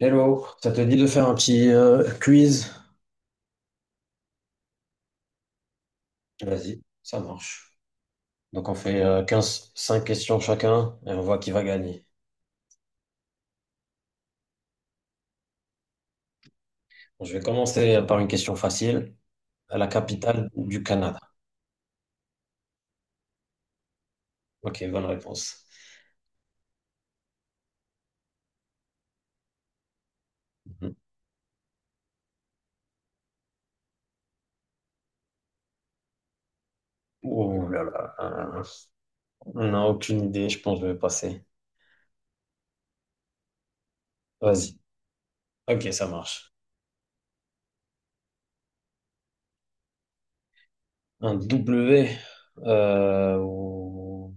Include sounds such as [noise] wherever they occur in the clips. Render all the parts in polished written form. Hello, ça te dit de faire un petit quiz? Vas-y, ça marche. Donc on fait 15, 5 questions chacun et on voit qui va gagner. Bon, je vais commencer par une question facile. La capitale du Canada. Ok, bonne réponse. Mhm. Oh là là, on n'a aucune idée, je pense que je vais passer. Vas-y. Ok, ça marche. Un W. euh, ou-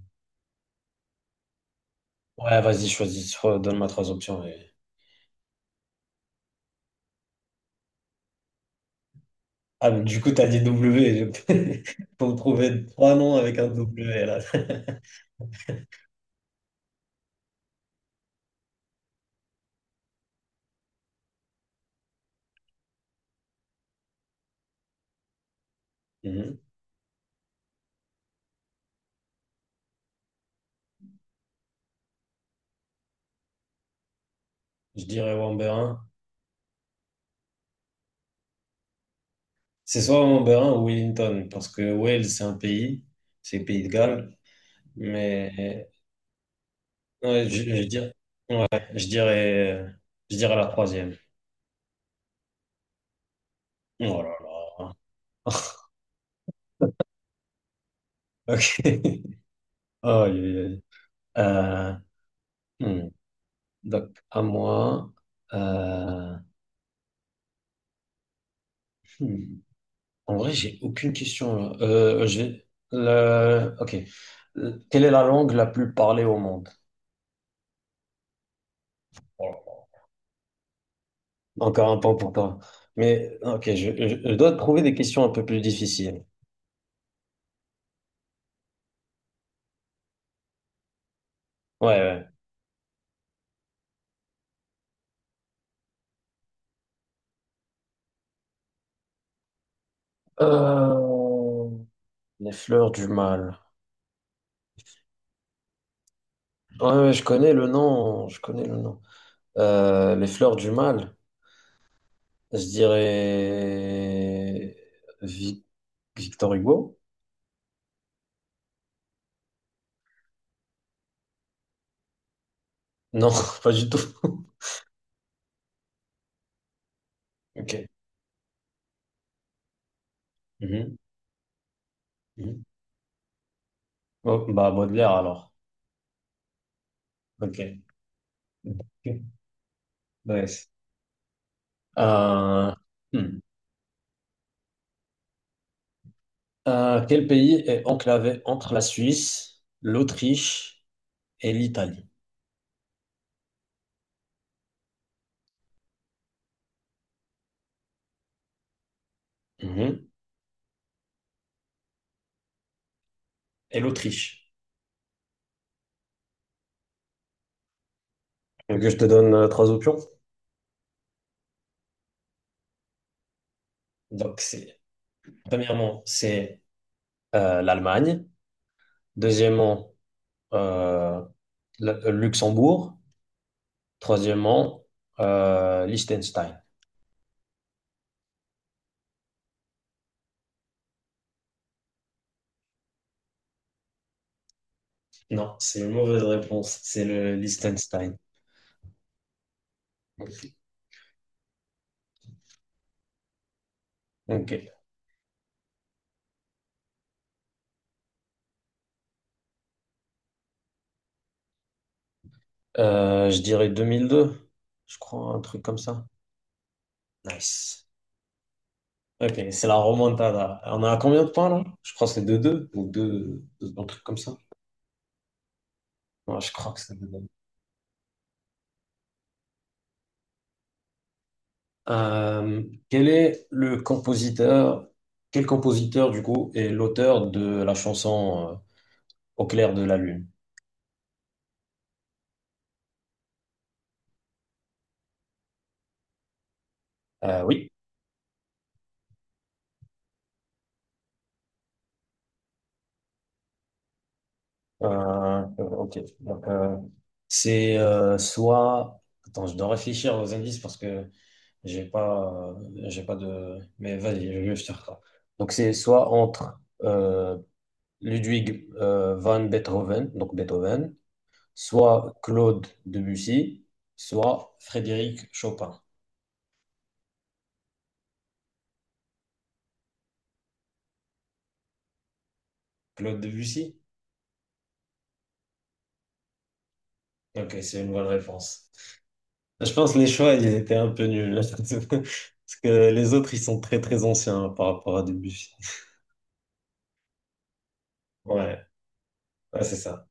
Ouais, vas-y, choisis. Donne-moi trois options. Ah, mais du coup, t'as dit W. [laughs] Faut me trouver trois noms avec un W, là. Mhm. Je dirais Wamberin. C'est soit Wamberin ou Wellington, parce que Wales, c'est un pays, c'est le pays de Galles. Mais ouais, je dirais, je dirais la troisième. Oh là là. Ok. [laughs] Aïe, aïe, aïe. Euh, hmm. Donc, à moi. Euh, hmm. En vrai, j'ai aucune question là. J'ai Ok. Quelle est la langue la plus parlée au monde? Voilà. Encore un point pour toi. Mais ok, je dois te trouver des questions un peu plus difficiles. Ouais, ouais. Euh, Les fleurs du mal. Ouais, ouais, je connais le nom. Je connais le nom. Les fleurs du mal. Je dirais Vic- Victor Hugo? Non, [laughs] pas du tout. [laughs] Ok. Mhm. Mhm. Bon, bah Baudelaire alors. Ok. Ok. Nice. Euh, hmm. Quel pays est enclavé entre la Suisse, l'Autriche et l'Italie? Mhm. Et l'Autriche. Tu veux Que je te donne trois options. Donc, c'est, premièrement, c'est l'Allemagne. Deuxièmement, euh, le Luxembourg. Troisièmement, Liechtenstein. Non, c'est une mauvaise réponse. C'est le Liechtenstein. Ok. Je dirais 2002, je crois, un truc comme ça. Nice. Ok, c'est la remontada. On a combien de points là? Je crois que c'est 2-2 ou 2-1 truc comme ça. Non, je crois que c'est deux deux. Euh, quel est le compositeur, quel compositeur du coup est l'auteur de la chanson Au clair de la lune? Oui. Euh, ok. Donc, c'est soit. Attends, je dois réfléchir aux indices parce que j'ai pas, euh, j'ai pas de. Mais vas-y, je te rattrape. Donc c'est soit entre Ludwig van Beethoven, donc Beethoven, soit Claude Debussy, soit Frédéric Chopin. Claude Debussy? Ok, c'est une bonne réponse. Je pense que les choix, ils étaient un peu nuls. [laughs] Parce que les autres, ils sont très très anciens par rapport à Debussy. Ouais, ouais, c'est ça.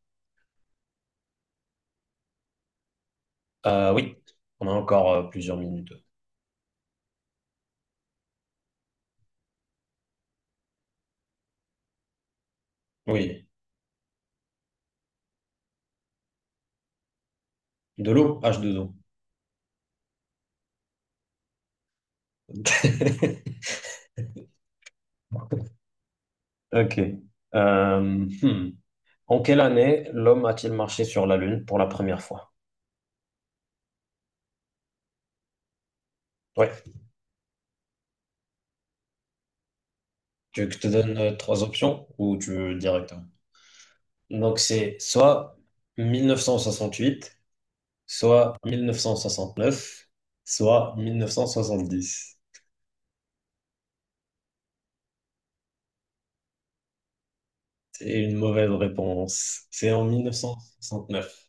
Oui, on a encore plusieurs minutes. Oui, de l'eau, H2O. [laughs] Ok. Euh, hmm. En quelle année l'homme a-t-il marché sur la Lune pour la première fois? Ouais. Tu veux que je te donne trois options ou tu veux directement. Donc c'est soit 1968, soit 1969, soit 1970. C'est une mauvaise réponse. C'est en 1969.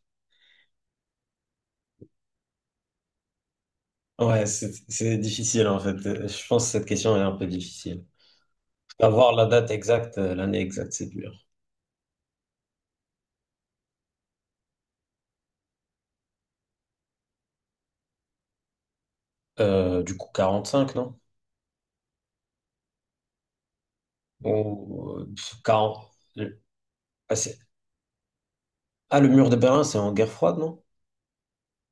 Ouais, c'est difficile en fait. Je pense que cette question est un peu difficile. Avoir la date exacte, l'année exacte, c'est dur. Du coup, 45, non? Ou 40. Ah, le mur de Berlin, c'est en guerre froide, non?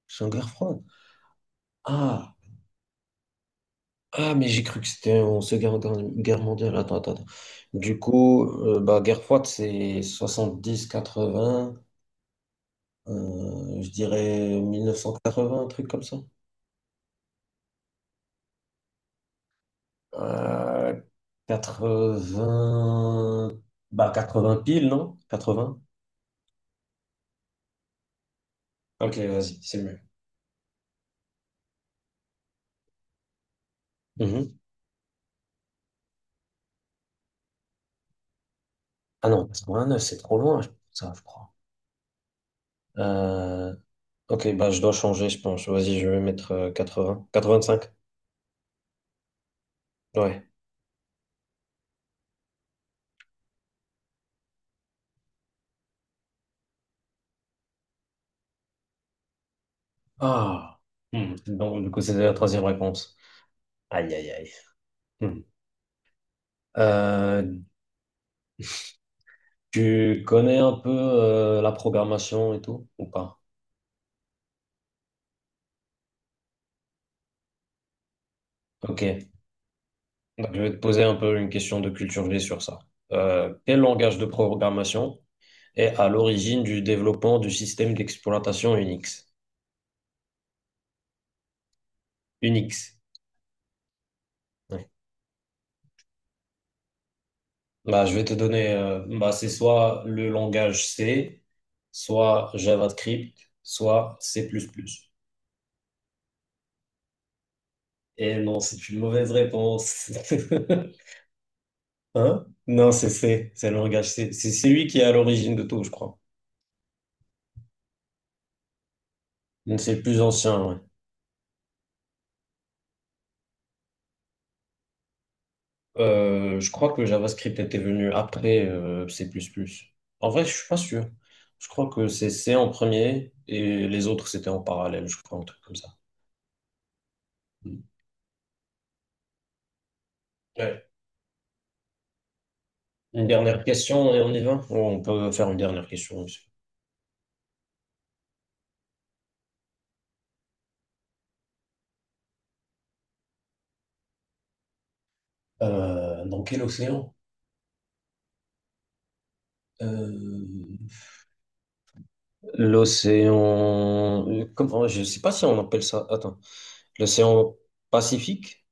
C'est en guerre froide. Ah, Ah, mais j'ai cru que c'était en Seconde Guerre, Guerre mondiale. Attends, attends, attends. Du coup, bah, guerre froide, c'est 70-80, je dirais 1980, un truc comme ça. Euh, vingts Bah, 80 pile, non? 80 Ok, vas-y, c'est mieux. Mhm. Ah non, 89 c'est trop loin, ça, je crois. Euh, ok, bah, je dois changer, je pense. Vas-y, je vais mettre 80. 85 Ouais. Ah. Hmm. Donc, du coup, c'était la troisième réponse. Aïe, aïe, aïe. Hmm. Euh, tu connais un peu la programmation et tout, ou pas? Ok. Donc, je vais te poser un peu une question de culture G sur ça. Quel langage de programmation est à l'origine du développement du système d'exploitation Unix? Unix. Ouais. Bah, je vais te donner, bah, c'est soit le langage C, soit JavaScript, soit C++. Et non, c'est une mauvaise réponse. [laughs] Hein? Non, c'est fait, c'est le langage. C'est lui qui est à l'origine de tout, je crois. Donc c'est le plus ancien, ouais. Je crois que le JavaScript était venu après C++. En vrai, je suis pas sûr. Je crois que c'est C en premier et les autres, c'était en parallèle, je crois, un truc comme ça. Mm. Ouais. Une dernière question et on y va? Ou on peut faire une dernière question aussi. Dans quel océan? Euh, L'océan, comment, je sais pas si on appelle ça, attends. L'océan Pacifique?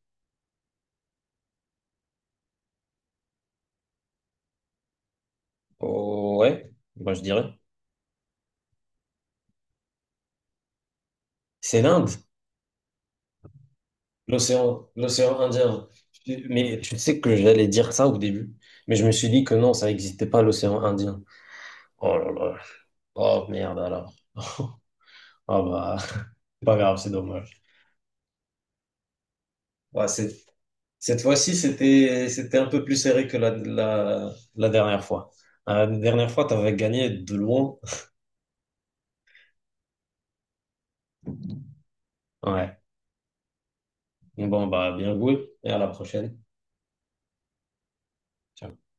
Oh, ouais, moi je dirais. C'est l'Inde, l'océan Indien. Mais tu sais que j'allais dire ça au début, mais je me suis dit que non, ça n'existait pas l'océan Indien. Oh là là. Oh merde alors. Ah bah, [laughs] c'est pas grave, c'est dommage. Ouais, cette fois-ci, c'était un peu plus serré que la dernière fois. La dernière fois, t'avais gagné de loin. Ouais. Bon, bah, bien joué et à la prochaine. Ciao.